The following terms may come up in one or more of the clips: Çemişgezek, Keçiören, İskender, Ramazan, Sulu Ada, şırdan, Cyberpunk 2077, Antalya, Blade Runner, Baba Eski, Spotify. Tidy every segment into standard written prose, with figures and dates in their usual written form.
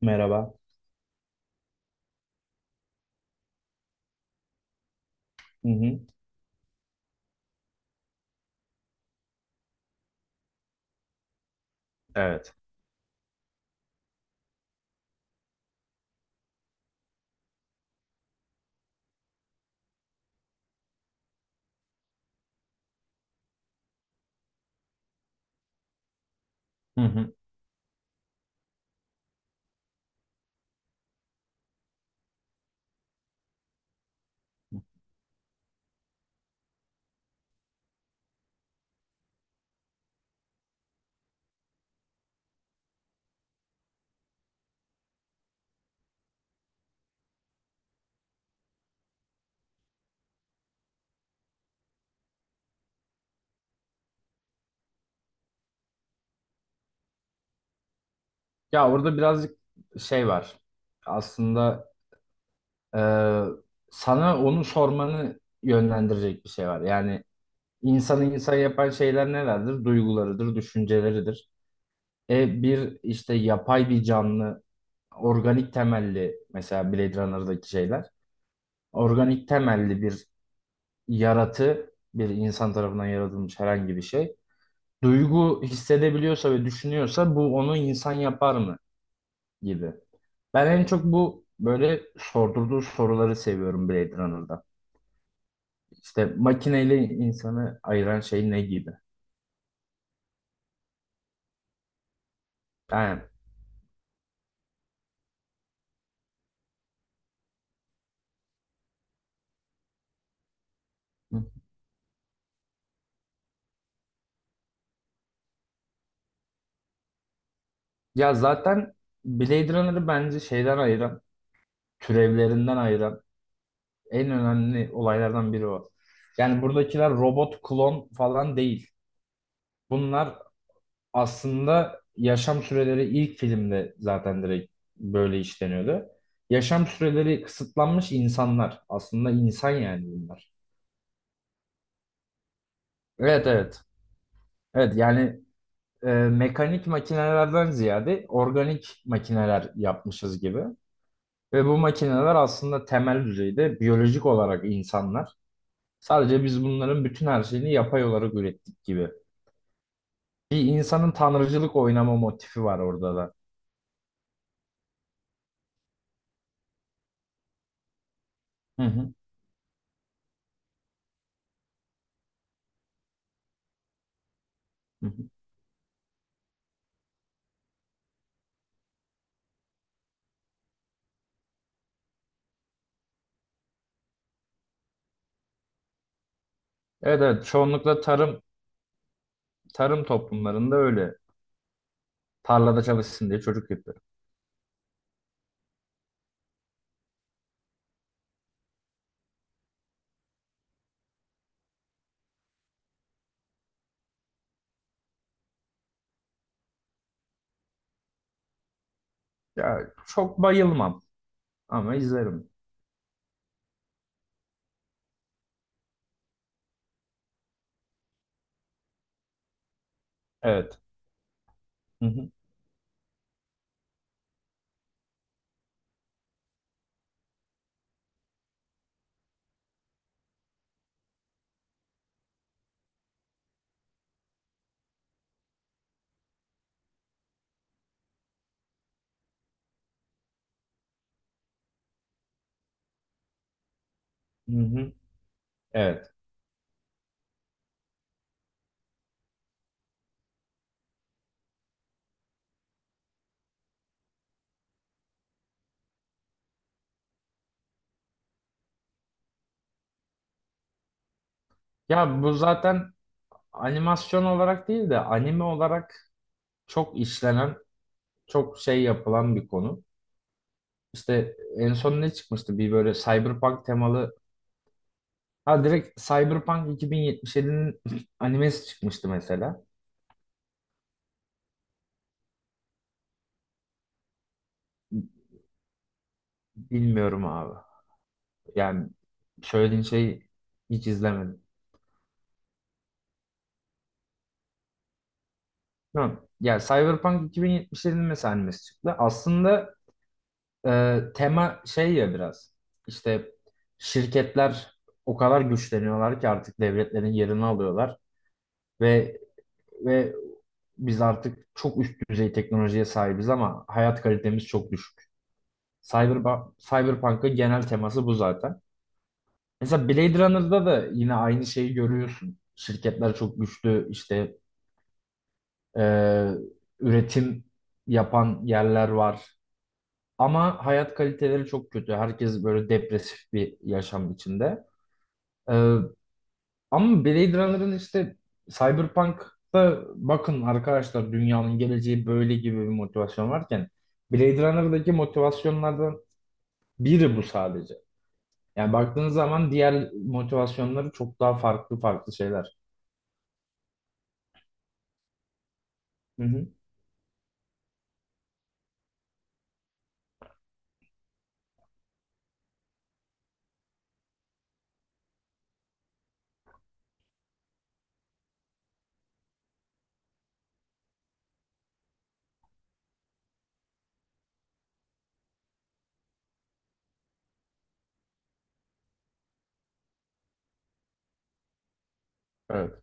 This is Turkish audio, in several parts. Merhaba. Hı hı. Evet. Hı hı. Ya orada birazcık şey var. Aslında e, sana onu sormanı yönlendirecek bir şey var. Yani insanı insan yapan şeyler nelerdir? Duygularıdır, düşünceleridir. Bir işte yapay bir canlı, organik temelli mesela Blade Runner'daki şeyler. Organik temelli bir yaratı, bir insan tarafından yaratılmış herhangi bir şey. Duygu hissedebiliyorsa ve düşünüyorsa bu onu insan yapar mı gibi. Ben en çok bu böyle sordurduğu soruları seviyorum Blade Runner'da. İşte makineyle insanı ayıran şey ne gibi? Yani ya zaten Blade Runner'ı bence şeyden ayıran, türevlerinden ayıran en önemli olaylardan biri o. Yani buradakiler robot, klon falan değil. Bunlar aslında yaşam süreleri ilk filmde zaten direkt böyle işleniyordu. Yaşam süreleri kısıtlanmış insanlar. Aslında insan yani bunlar. Evet, evet. Evet yani mekanik makinelerden ziyade organik makineler yapmışız gibi. Ve bu makineler aslında temel düzeyde biyolojik olarak insanlar. Sadece biz bunların bütün her şeyini yapay olarak ürettik gibi. Bir insanın tanrıcılık oynama motifi var orada da. Hı hı. Hı hı. Evet evet çoğunlukla tarım toplumlarında öyle. Tarlada çalışsın diye çocuk yapıyor. Ya çok bayılmam ama izlerim. Evet. Hı hı. Hı hı. Evet. Ya bu zaten animasyon olarak değil de anime olarak çok işlenen, çok şey yapılan bir konu. İşte en son ne çıkmıştı? Bir böyle Cyberpunk temalı. Ha direkt Cyberpunk 2077'nin animesi çıkmıştı mesela. Bilmiyorum abi. Yani söylediğin şeyi hiç izlemedim. Tamam. Ya Cyberpunk 2077'nin mesela animesi çıktı. Aslında tema şey ya biraz. İşte şirketler o kadar güçleniyorlar ki artık devletlerin yerini alıyorlar ve ve biz artık çok üst düzey teknolojiye sahibiz ama hayat kalitemiz çok düşük. Cyberpunk'ın genel teması bu zaten. Mesela Blade Runner'da da yine aynı şeyi görüyorsun. Şirketler çok güçlü işte e, üretim yapan yerler var. Ama hayat kaliteleri çok kötü. Herkes böyle depresif bir yaşam içinde. E, Ama Blade Runner'ın işte Cyberpunk'ta bakın arkadaşlar dünyanın geleceği böyle gibi bir motivasyon varken Blade Runner'daki motivasyonlardan biri bu sadece. Yani baktığınız zaman diğer motivasyonları çok daha farklı farklı şeyler. Hı hı. Evet.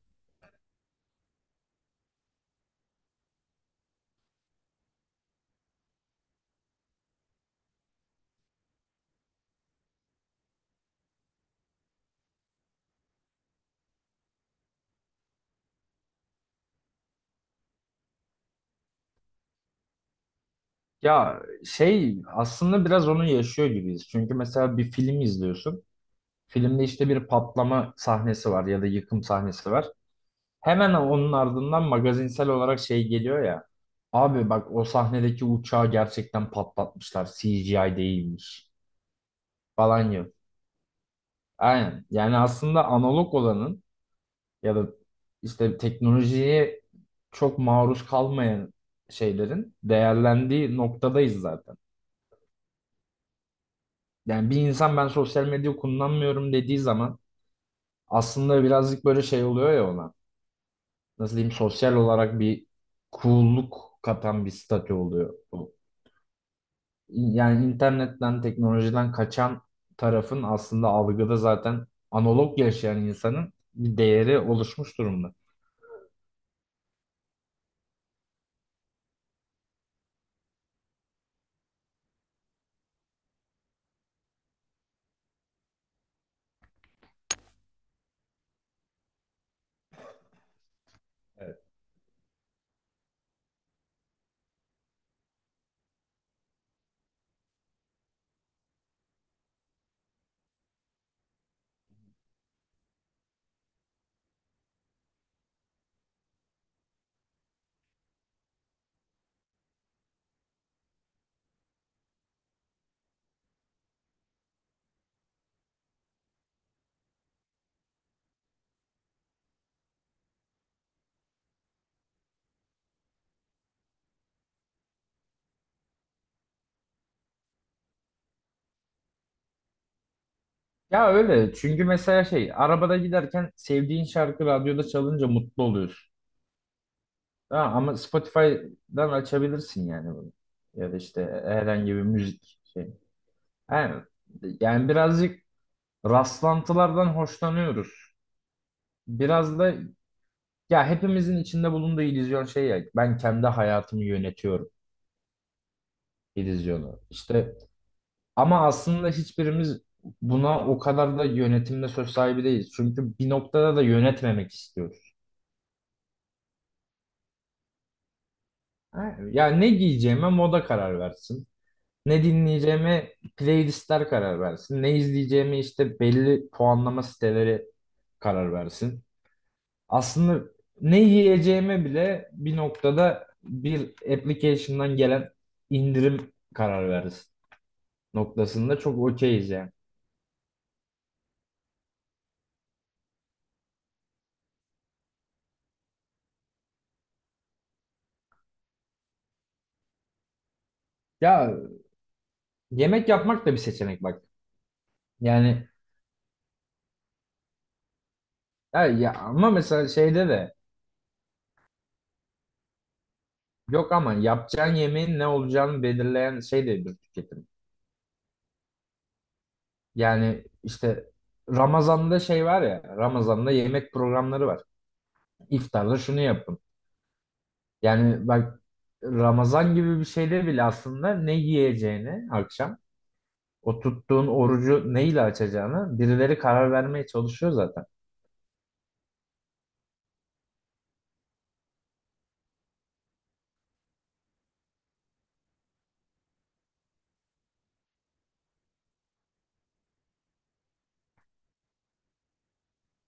Ya şey aslında biraz onu yaşıyor gibiyiz. Çünkü mesela bir film izliyorsun. Filmde işte bir patlama sahnesi var ya da yıkım sahnesi var. Hemen onun ardından magazinsel olarak şey geliyor ya. Abi bak o sahnedeki uçağı gerçekten patlatmışlar. CGI değilmiş falan yok. Aynen. Yani aslında analog olanın ya da işte teknolojiye çok maruz kalmayan şeylerin değerlendiği noktadayız zaten. Yani bir insan ben sosyal medya kullanmıyorum dediği zaman aslında birazcık böyle şey oluyor ya ona. Nasıl diyeyim, sosyal olarak bir coolluk katan bir statü oluyor. Yani internetten, teknolojiden kaçan tarafın aslında algıda zaten analog yaşayan insanın bir değeri oluşmuş durumda. Evet. Ya öyle, çünkü mesela şey, arabada giderken sevdiğin şarkı radyoda çalınca mutlu oluyorsun. Ha, ama Spotify'dan açabilirsin yani bunu. Ya da işte herhangi bir müzik şey. Yani, yani birazcık rastlantılardan hoşlanıyoruz. Biraz da ya hepimizin içinde bulunduğu illüzyon şey, ya ben kendi hayatımı yönetiyorum. İllüzyonu. İşte ama aslında hiçbirimiz buna o kadar da yönetimde söz sahibi değiliz. Çünkü bir noktada da yönetmemek istiyoruz. Ha, yani ne giyeceğime moda karar versin. Ne dinleyeceğime playlistler karar versin. Ne izleyeceğime işte belli puanlama siteleri karar versin. Aslında ne yiyeceğime bile bir noktada bir application'dan gelen indirim karar versin noktasında çok okeyiz yani. Ya, yemek yapmak da bir seçenek bak. Yani ya ama mesela şeyde de, yok ama yapacağın yemeğin ne olacağını belirleyen şey de bir tüketim. Yani işte Ramazan'da şey var ya, Ramazan'da yemek programları var. İftarda şunu yapın. Yani bak, Ramazan gibi bir şeyde bile aslında ne yiyeceğini akşam, o tuttuğun orucu neyle açacağını birileri karar vermeye çalışıyor zaten.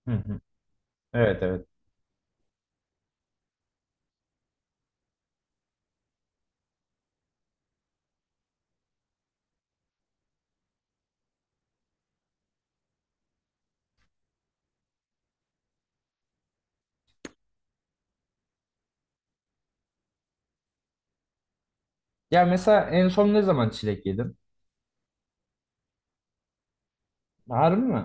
Hı hı. Evet, evet. Ya mesela en son ne zaman çilek yedin? Harbi mi?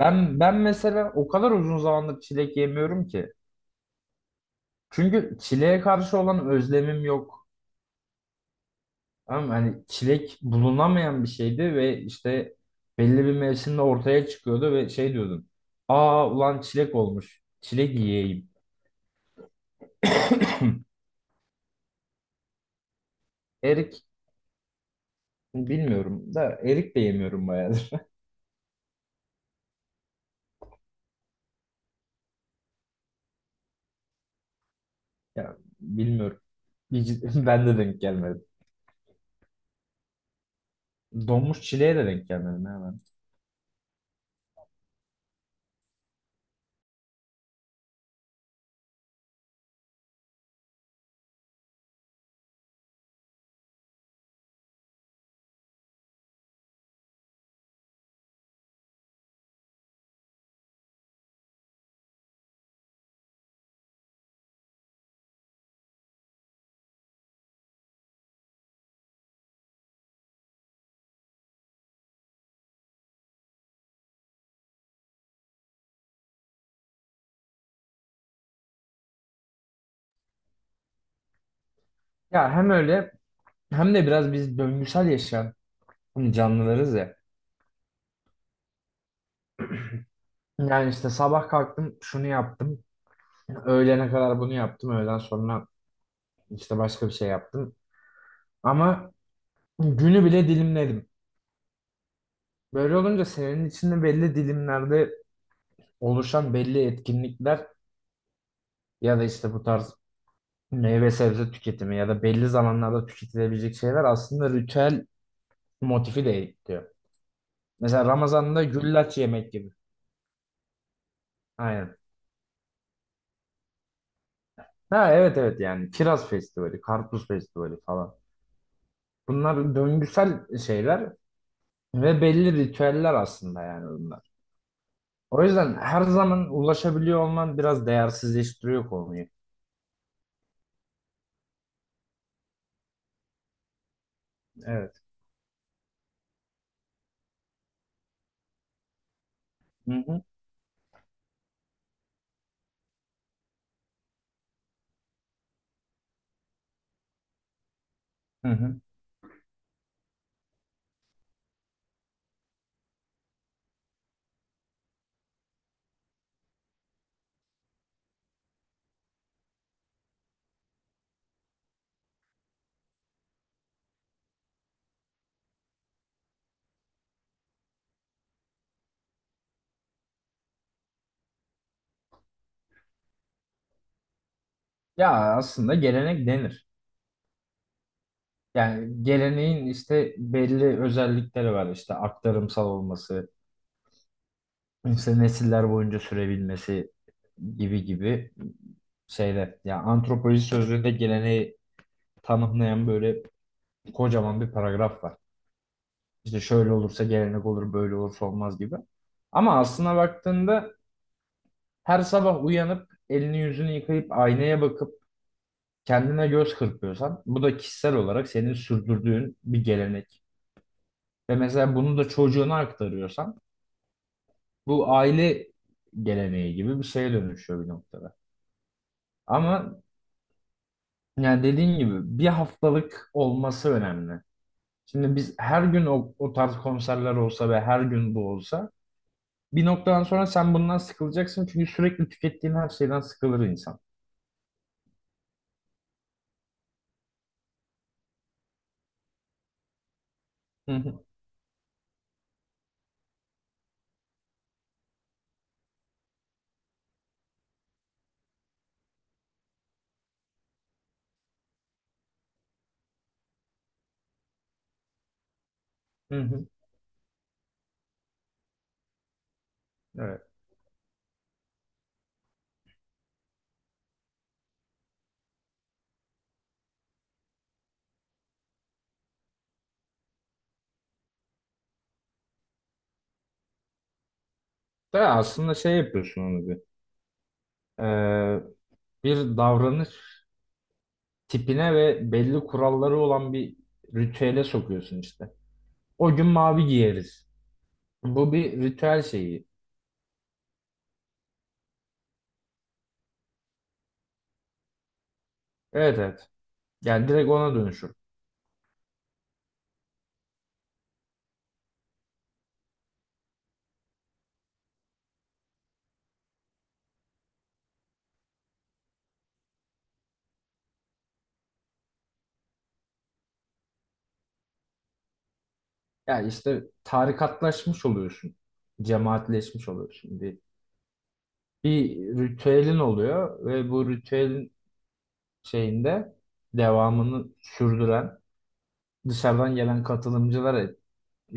Ben mesela o kadar uzun zamandır çilek yemiyorum ki. Çünkü çileğe karşı olan özlemim yok. Ama hani çilek bulunamayan bir şeydi ve işte belli bir mevsimde ortaya çıkıyordu ve şey diyordum. Aa ulan çilek olmuş. Çilek yiyeyim. Erik bilmiyorum da, erik de yemiyorum bayağıdır. Ya bilmiyorum. Ben de denk gelmedim. Donmuş çileğe de denk gelmedim hemen. Ya hem öyle hem de biraz biz döngüsel yaşayan, hani, canlılarız ya. Yani işte sabah kalktım şunu yaptım. Öğlene kadar bunu yaptım. Öğleden sonra işte başka bir şey yaptım. Ama günü bile dilimledim. Böyle olunca senin içinde belli dilimlerde oluşan belli etkinlikler ya da işte bu tarz meyve sebze tüketimi ya da belli zamanlarda tüketilebilecek şeyler aslında ritüel motifi de ekliyor. Mesela Ramazan'da güllaç yemek gibi. Aynen. Ha, evet evet, yani kiraz festivali, karpuz festivali falan. Bunlar döngüsel şeyler ve belli ritüeller aslında yani bunlar. O yüzden her zaman ulaşabiliyor olman biraz değersizleştiriyor konuyu. Evet. Hı hı. Hı hı. Ya aslında gelenek denir. Yani geleneğin işte belli özellikleri var. İşte aktarımsal olması, işte nesiller boyunca sürebilmesi gibi gibi şeyler. Ya antropoloji sözlüğünde geleneği tanımlayan böyle kocaman bir paragraf var. İşte şöyle olursa gelenek olur, böyle olursa olmaz gibi. Ama aslına baktığında, her sabah uyanıp elini yüzünü yıkayıp aynaya bakıp kendine göz kırpıyorsan bu da kişisel olarak senin sürdürdüğün bir gelenek. Ve mesela bunu da çocuğuna aktarıyorsan bu aile geleneği gibi bir şeye dönüşüyor bir noktada. Ama yani dediğin gibi bir haftalık olması önemli. Şimdi biz her gün o tarz konserler olsa ve her gün bu olsa bir noktadan sonra sen bundan sıkılacaksın, çünkü sürekli tükettiğin her şeyden sıkılır insan. Hı hı. Hı hı. Evet. Da aslında şey yapıyorsun onu, e, bir davranış tipine ve belli kuralları olan bir ritüele sokuyorsun işte. O gün mavi giyeriz. Bu bir ritüel şeyi. Evet, evet. Yani direkt ona dönüşür. Yani işte tarikatlaşmış oluyorsun. Cemaatleşmiş oluyorsun. Bir ritüelin oluyor ve bu ritüelin şeyinde devamını sürdüren dışarıdan gelen katılımcılar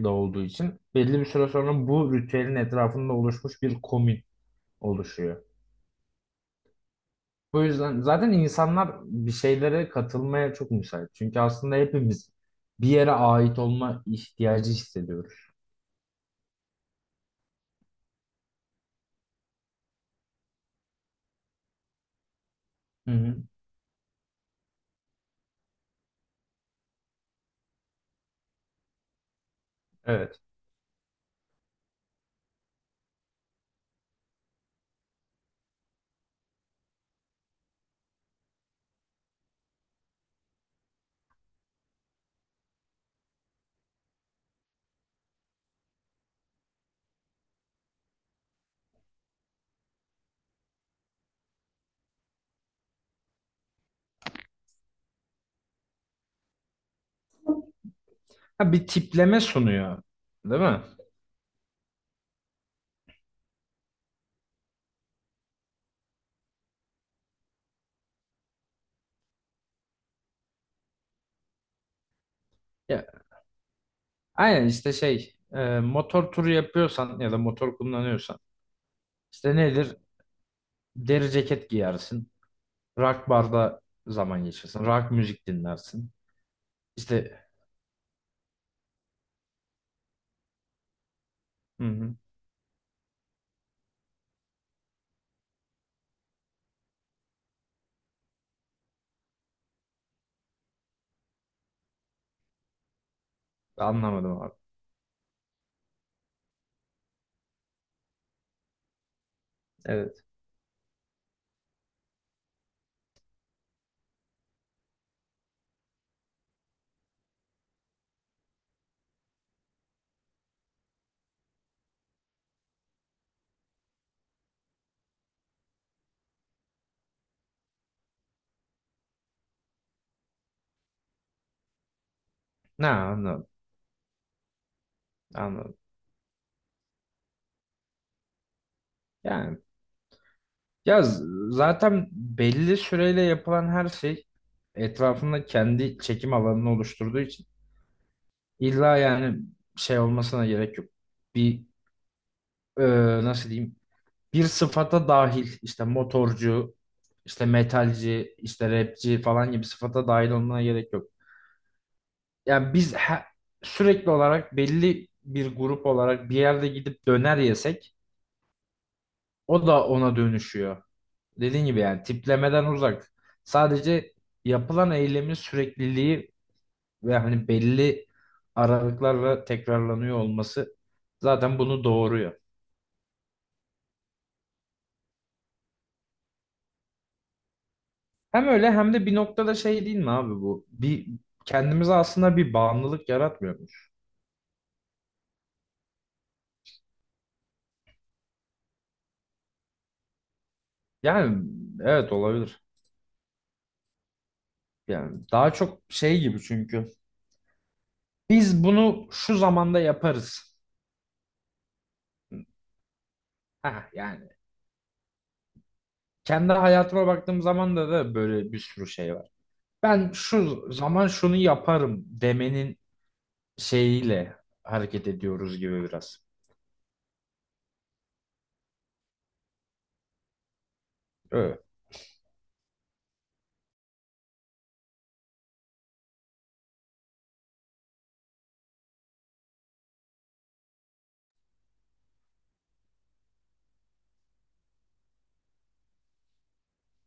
da olduğu için belli bir süre sonra bu ritüelin etrafında oluşmuş bir komün oluşuyor. Bu yüzden zaten insanlar bir şeylere katılmaya çok müsait. Çünkü aslında hepimiz bir yere ait olma ihtiyacı hissediyoruz. Hı hı. Evet. Ha, bir tipleme sunuyor, değil mi? Ya, aynen işte şey, motor turu yapıyorsan ya da motor kullanıyorsan işte nedir? Deri ceket giyersin, rock barda zaman geçirsin, rock müzik dinlersin. İşte. Hı hı. Anlamadım abi. Evet. Ne anladım, anladım. Yani, ya zaten belli süreyle yapılan her şey etrafında kendi çekim alanını oluşturduğu için illa yani şey olmasına gerek yok. Bir, e, nasıl diyeyim, bir sıfata dahil işte motorcu, işte metalci, işte rapçi falan gibi sıfata dahil olmana gerek yok. Yani biz sürekli olarak belli bir grup olarak bir yerde gidip döner yesek o da ona dönüşüyor. Dediğin gibi yani tiplemeden uzak. Sadece yapılan eylemin sürekliliği ve hani belli aralıklarla tekrarlanıyor olması zaten bunu doğuruyor. Hem öyle hem de bir noktada şey değil mi abi bu? Bir kendimize aslında bir bağımlılık yaratmıyormuş. Yani evet, olabilir. Yani daha çok şey gibi çünkü biz bunu şu zamanda yaparız. Ha yani, kendi hayatıma baktığım zaman da böyle bir sürü şey var. Ben şu zaman şunu yaparım demenin şeyiyle hareket ediyoruz gibi biraz. Evet.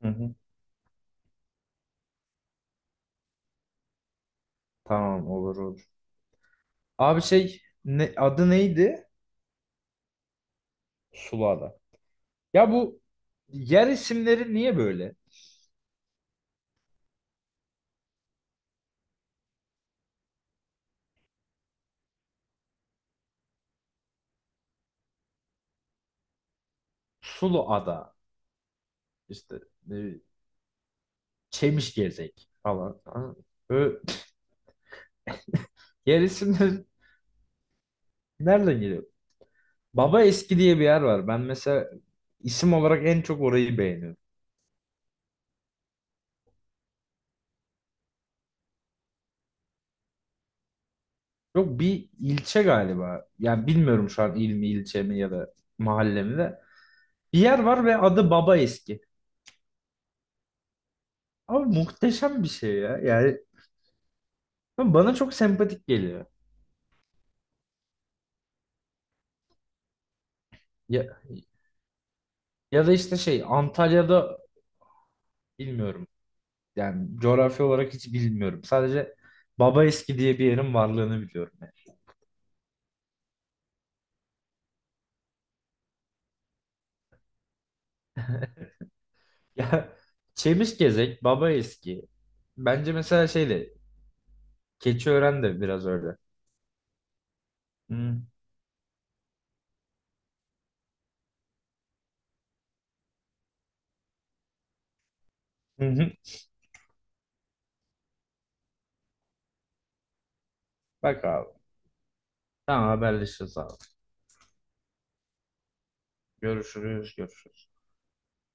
Hı hı. Tamam, olur olur. Abi şey ne, adı neydi? Sulu Ada. Ya bu yer isimleri niye böyle? Sulu Ada işte, e, Çemişgezek falan. Ha, böyle yer isimleri nereden geliyor? Baba Eski diye bir yer var. Ben mesela isim olarak en çok orayı beğeniyorum. Yok, bir ilçe galiba. Yani bilmiyorum şu an il mi ilçe mi ya da mahalle mi de. Bir yer var ve adı Baba Eski. Abi muhteşem bir şey ya. Yani bana çok sempatik geliyor. Ya, ya da işte şey Antalya'da, bilmiyorum. Yani coğrafya olarak hiç bilmiyorum. Sadece Baba Eski diye bir yerin varlığını biliyorum yani. Ya, Çemişgezek, Baba Eski. Bence mesela şey de, Keçiören de biraz öyle. Hı hı. Hı. Bak abi. Tamam, haberleşiriz abi. Görüşürüz, görüşürüz.